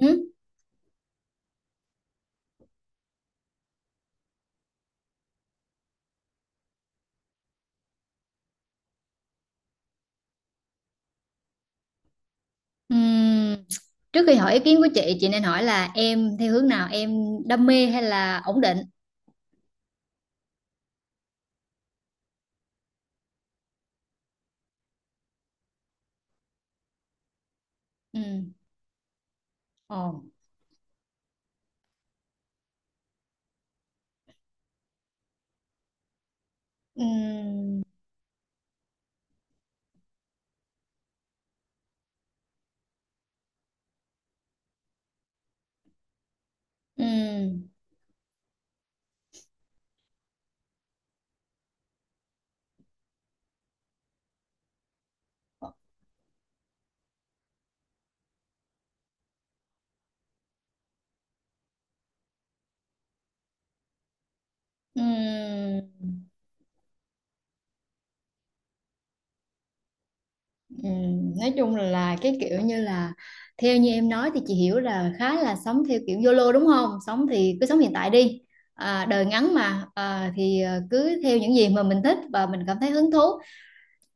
Ừ. Ừm, Trước khi hỏi ý kiến của chị nên hỏi là em theo hướng nào, em đam mê hay là ổn định? Ừ. Ồ. Ừ. Ừ. Ừ. Ừ. Nói chung là cái kiểu như là theo như em nói thì chị hiểu là khá là sống theo kiểu YOLO đúng không? Sống thì cứ sống hiện tại đi. Đời ngắn mà, thì cứ theo những gì mà mình thích và mình cảm thấy hứng thú.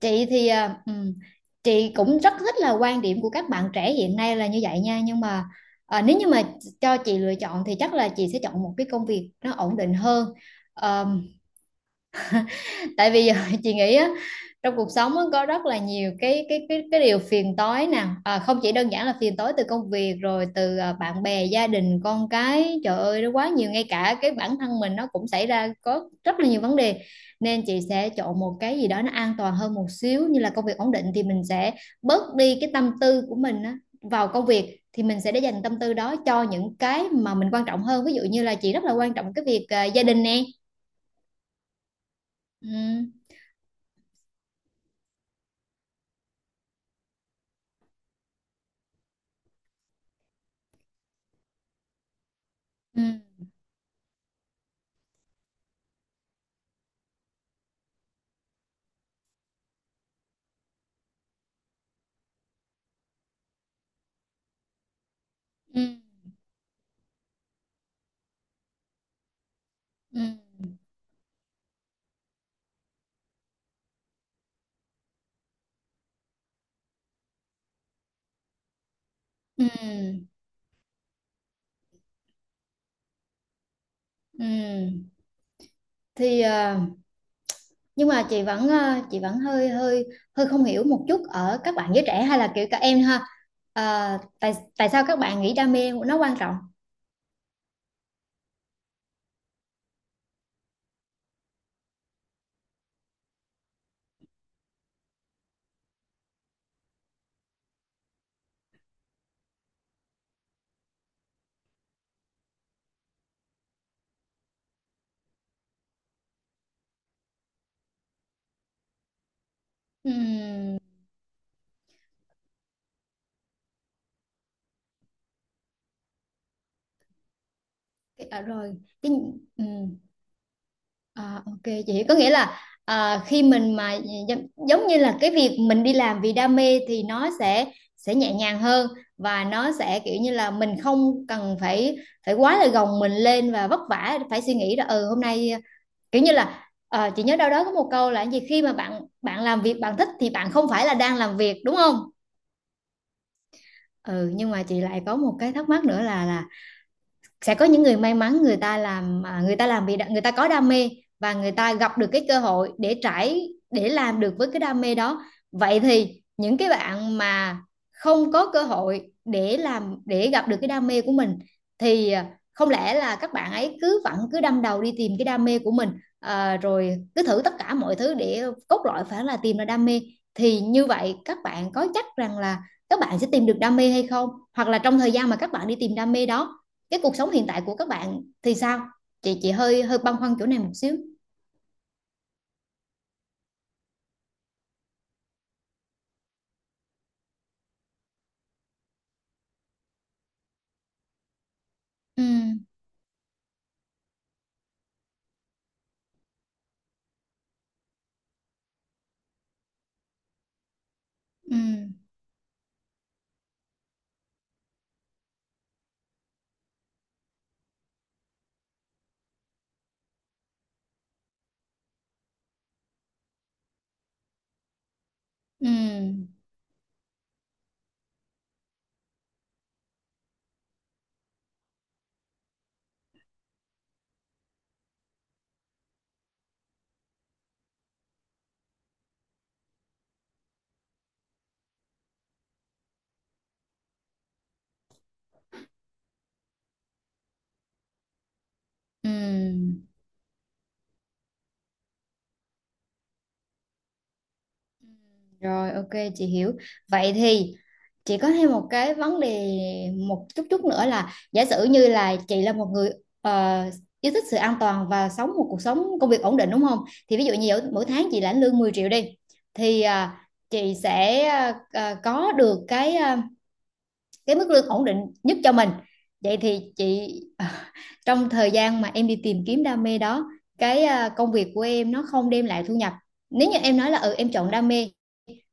Chị thì chị cũng rất thích là quan điểm của các bạn trẻ hiện nay là như vậy nha, nhưng mà nếu như mà cho chị lựa chọn thì chắc là chị sẽ chọn một cái công việc nó ổn định hơn. Ờ, Tại vì giờ chị nghĩ á, trong cuộc sống á, có rất là nhiều cái điều phiền toái nè, không chỉ đơn giản là phiền toái từ công việc, rồi từ bạn bè, gia đình, con cái, trời ơi nó quá nhiều, ngay cả cái bản thân mình nó cũng xảy ra có rất là nhiều vấn đề. Nên chị sẽ chọn một cái gì đó nó an toàn hơn một xíu, như là công việc ổn định thì mình sẽ bớt đi cái tâm tư của mình á, vào công việc thì mình sẽ để dành tâm tư đó cho những cái mà mình quan trọng hơn, ví dụ như là chị rất là quan trọng cái việc gia đình nè. Ừ. Ừ. Ừ. Ừ, ừ, ừ. Thì nhưng mà chị vẫn hơi hơi hơi không hiểu một chút ở các bạn giới trẻ, hay là kiểu các em ha. Tại tại sao các bạn nghĩ đam mê nó quan trọng? Ừ, à, rồi, cái ừ, ok, chị có nghĩa là khi mình mà, giống như là cái việc mình đi làm vì đam mê thì nó sẽ nhẹ nhàng hơn, và nó sẽ kiểu như là mình không cần phải phải quá là gồng mình lên và vất vả, phải suy nghĩ là ừ hôm nay, kiểu như là chị nhớ đâu đó có một câu là cái gì khi mà bạn bạn làm việc bạn thích thì bạn không phải là đang làm việc, đúng không? Ừ, nhưng mà chị lại có một cái thắc mắc nữa là sẽ có những người may mắn, người ta làm người ta làm vì người ta có đam mê, và người ta gặp được cái cơ hội để trải, để làm được với cái đam mê đó. Vậy thì những cái bạn mà không có cơ hội để làm, để gặp được cái đam mê của mình thì không lẽ là các bạn ấy cứ vẫn cứ đâm đầu đi tìm cái đam mê của mình, rồi cứ thử tất cả mọi thứ để cốt lõi phải là tìm ra đam mê. Thì như vậy các bạn có chắc rằng là các bạn sẽ tìm được đam mê hay không, hoặc là trong thời gian mà các bạn đi tìm đam mê đó, cái cuộc sống hiện tại của các bạn thì sao? Chị hơi hơi băn khoăn chỗ này một xíu. Ừ, ừ, ừ, ừ, rồi, ok, chị hiểu. Vậy thì chị có thêm một cái vấn đề một chút chút nữa, là giả sử như là chị là một người ờ, yêu thích sự an toàn và sống một cuộc sống công việc ổn định, đúng không, thì ví dụ như mỗi tháng chị lãnh lương 10 triệu đi, thì chị sẽ có được cái, cái mức lương ổn định nhất cho mình. Vậy thì chị trong thời gian mà em đi tìm kiếm đam mê đó, cái công việc của em nó không đem lại thu nhập. Nếu như em nói là ừ em chọn đam mê,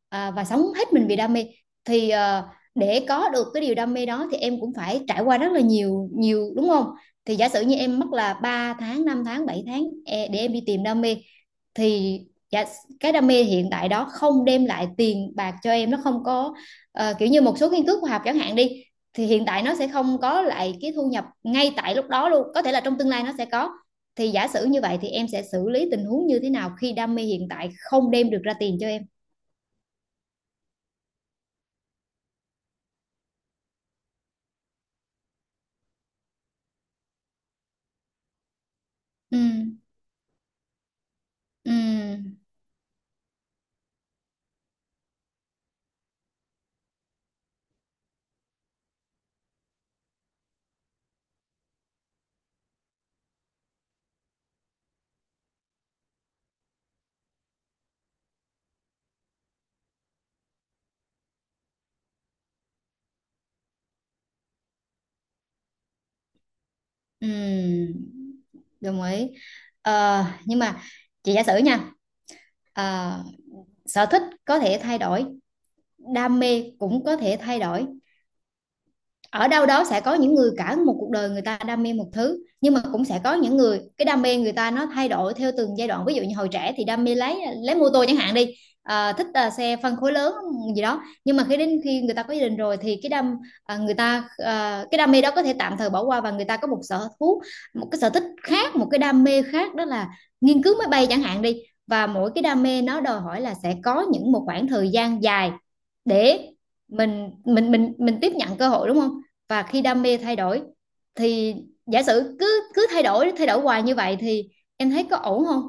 và sống hết mình vì đam mê, thì để có được cái điều đam mê đó thì em cũng phải trải qua rất là nhiều nhiều, đúng không? Thì giả sử như em mất là 3 tháng, 5 tháng, 7 tháng để em đi tìm đam mê, thì dạ, cái đam mê hiện tại đó không đem lại tiền bạc cho em, nó không có, kiểu như một số nghiên cứu khoa học chẳng hạn đi, thì hiện tại nó sẽ không có lại cái thu nhập ngay tại lúc đó luôn, có thể là trong tương lai nó sẽ có. Thì giả sử như vậy thì em sẽ xử lý tình huống như thế nào khi đam mê hiện tại không đem được ra tiền cho em? Ừ, ừ, ừ, đồng ý. Ờ, nhưng mà chị giả sử nha, ờ, sở thích có thể thay đổi, đam mê cũng có thể thay đổi. Ở đâu đó sẽ có những người cả một cuộc đời người ta đam mê một thứ, nhưng mà cũng sẽ có những người cái đam mê người ta nó thay đổi theo từng giai đoạn, ví dụ như hồi trẻ thì đam mê lấy mô tô chẳng hạn đi, thích xe phân khối lớn gì đó, nhưng mà khi đến khi người ta có gia đình rồi thì cái đam à, người ta à, cái đam mê đó có thể tạm thời bỏ qua và người ta có một sở thú một cái sở thích khác, một cái đam mê khác, đó là nghiên cứu máy bay chẳng hạn đi. Và mỗi cái đam mê nó đòi hỏi là sẽ có những một khoảng thời gian dài để mình tiếp nhận cơ hội, đúng không? Và khi đam mê thay đổi thì giả sử cứ cứ thay đổi hoài như vậy thì em thấy có ổn không?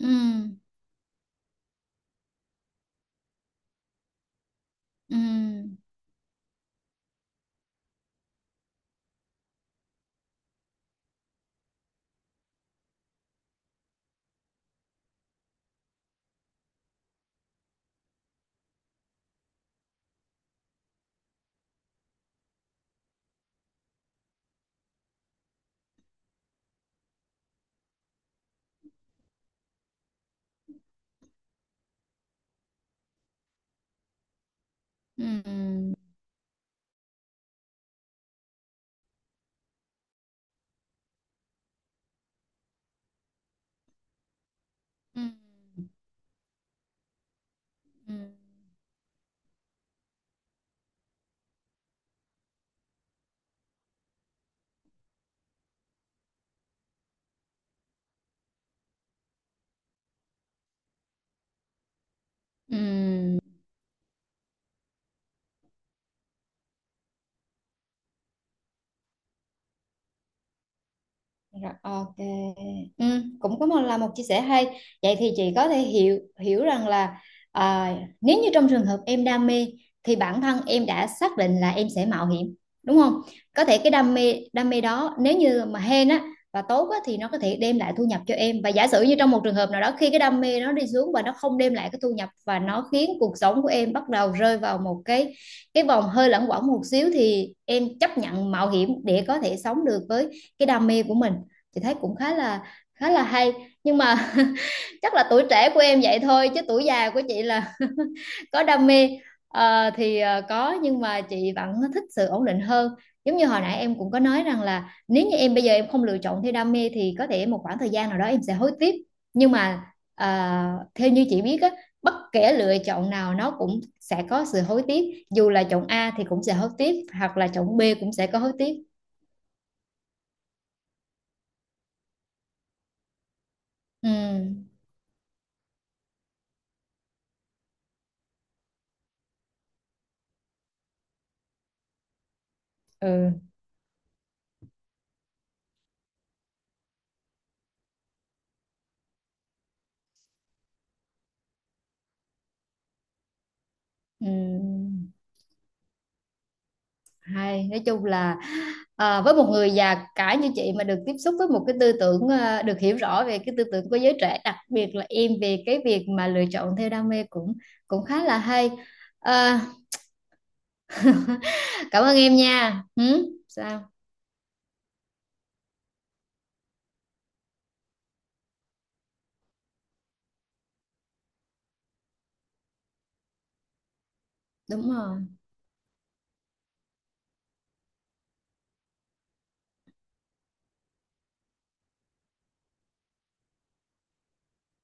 Ừ, ừ, ừ, ừ, ừ, ừ. Rồi, ok. Ừ, cũng có một chia sẻ hay. Vậy thì chị có thể hiểu hiểu rằng là à, nếu như trong trường hợp em đam mê thì bản thân em đã xác định là em sẽ mạo hiểm, đúng không? Có thể cái đam mê đó, nếu như mà hên á và tốt á thì nó có thể đem lại thu nhập cho em, và giả sử như trong một trường hợp nào đó khi cái đam mê nó đi xuống và nó không đem lại cái thu nhập và nó khiến cuộc sống của em bắt đầu rơi vào một cái vòng hơi luẩn quẩn một xíu, thì em chấp nhận mạo hiểm để có thể sống được với cái đam mê của mình. Chị thấy cũng khá là hay, nhưng mà chắc là tuổi trẻ của em vậy thôi, chứ tuổi già của chị là có đam mê. Có, nhưng mà chị vẫn thích sự ổn định hơn. Giống như hồi nãy em cũng có nói rằng là nếu như em bây giờ em không lựa chọn theo đam mê thì có thể một khoảng thời gian nào đó em sẽ hối tiếc, nhưng mà ờ, theo như chị biết á, bất kể lựa chọn nào nó cũng sẽ có sự hối tiếc, dù là chọn A thì cũng sẽ hối tiếc, hoặc là chọn B cũng sẽ có hối tiếc. Ừ, ừ, ừ. Hay, nói chung là với một người già cả như chị mà được tiếp xúc với một cái tư tưởng, được hiểu rõ về cái tư tưởng của giới trẻ, đặc biệt là em, về cái việc mà lựa chọn theo đam mê, cũng cũng khá là hay. À, Cảm ơn em nha. Ừ, sao? Đúng rồi.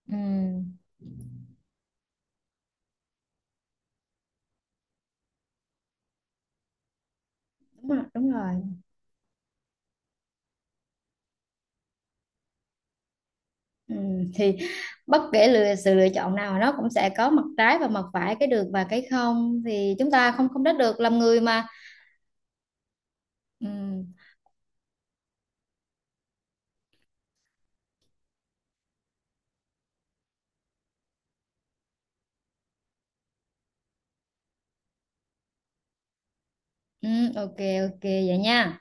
Ừ, đúng rồi, đúng rồi. Ừ, thì bất kể sự lựa chọn nào nó cũng sẽ có mặt trái và mặt phải, cái được và cái không, thì chúng ta không không trách được, làm người mà. Ừ, ừ, ok. Ok vậy nha.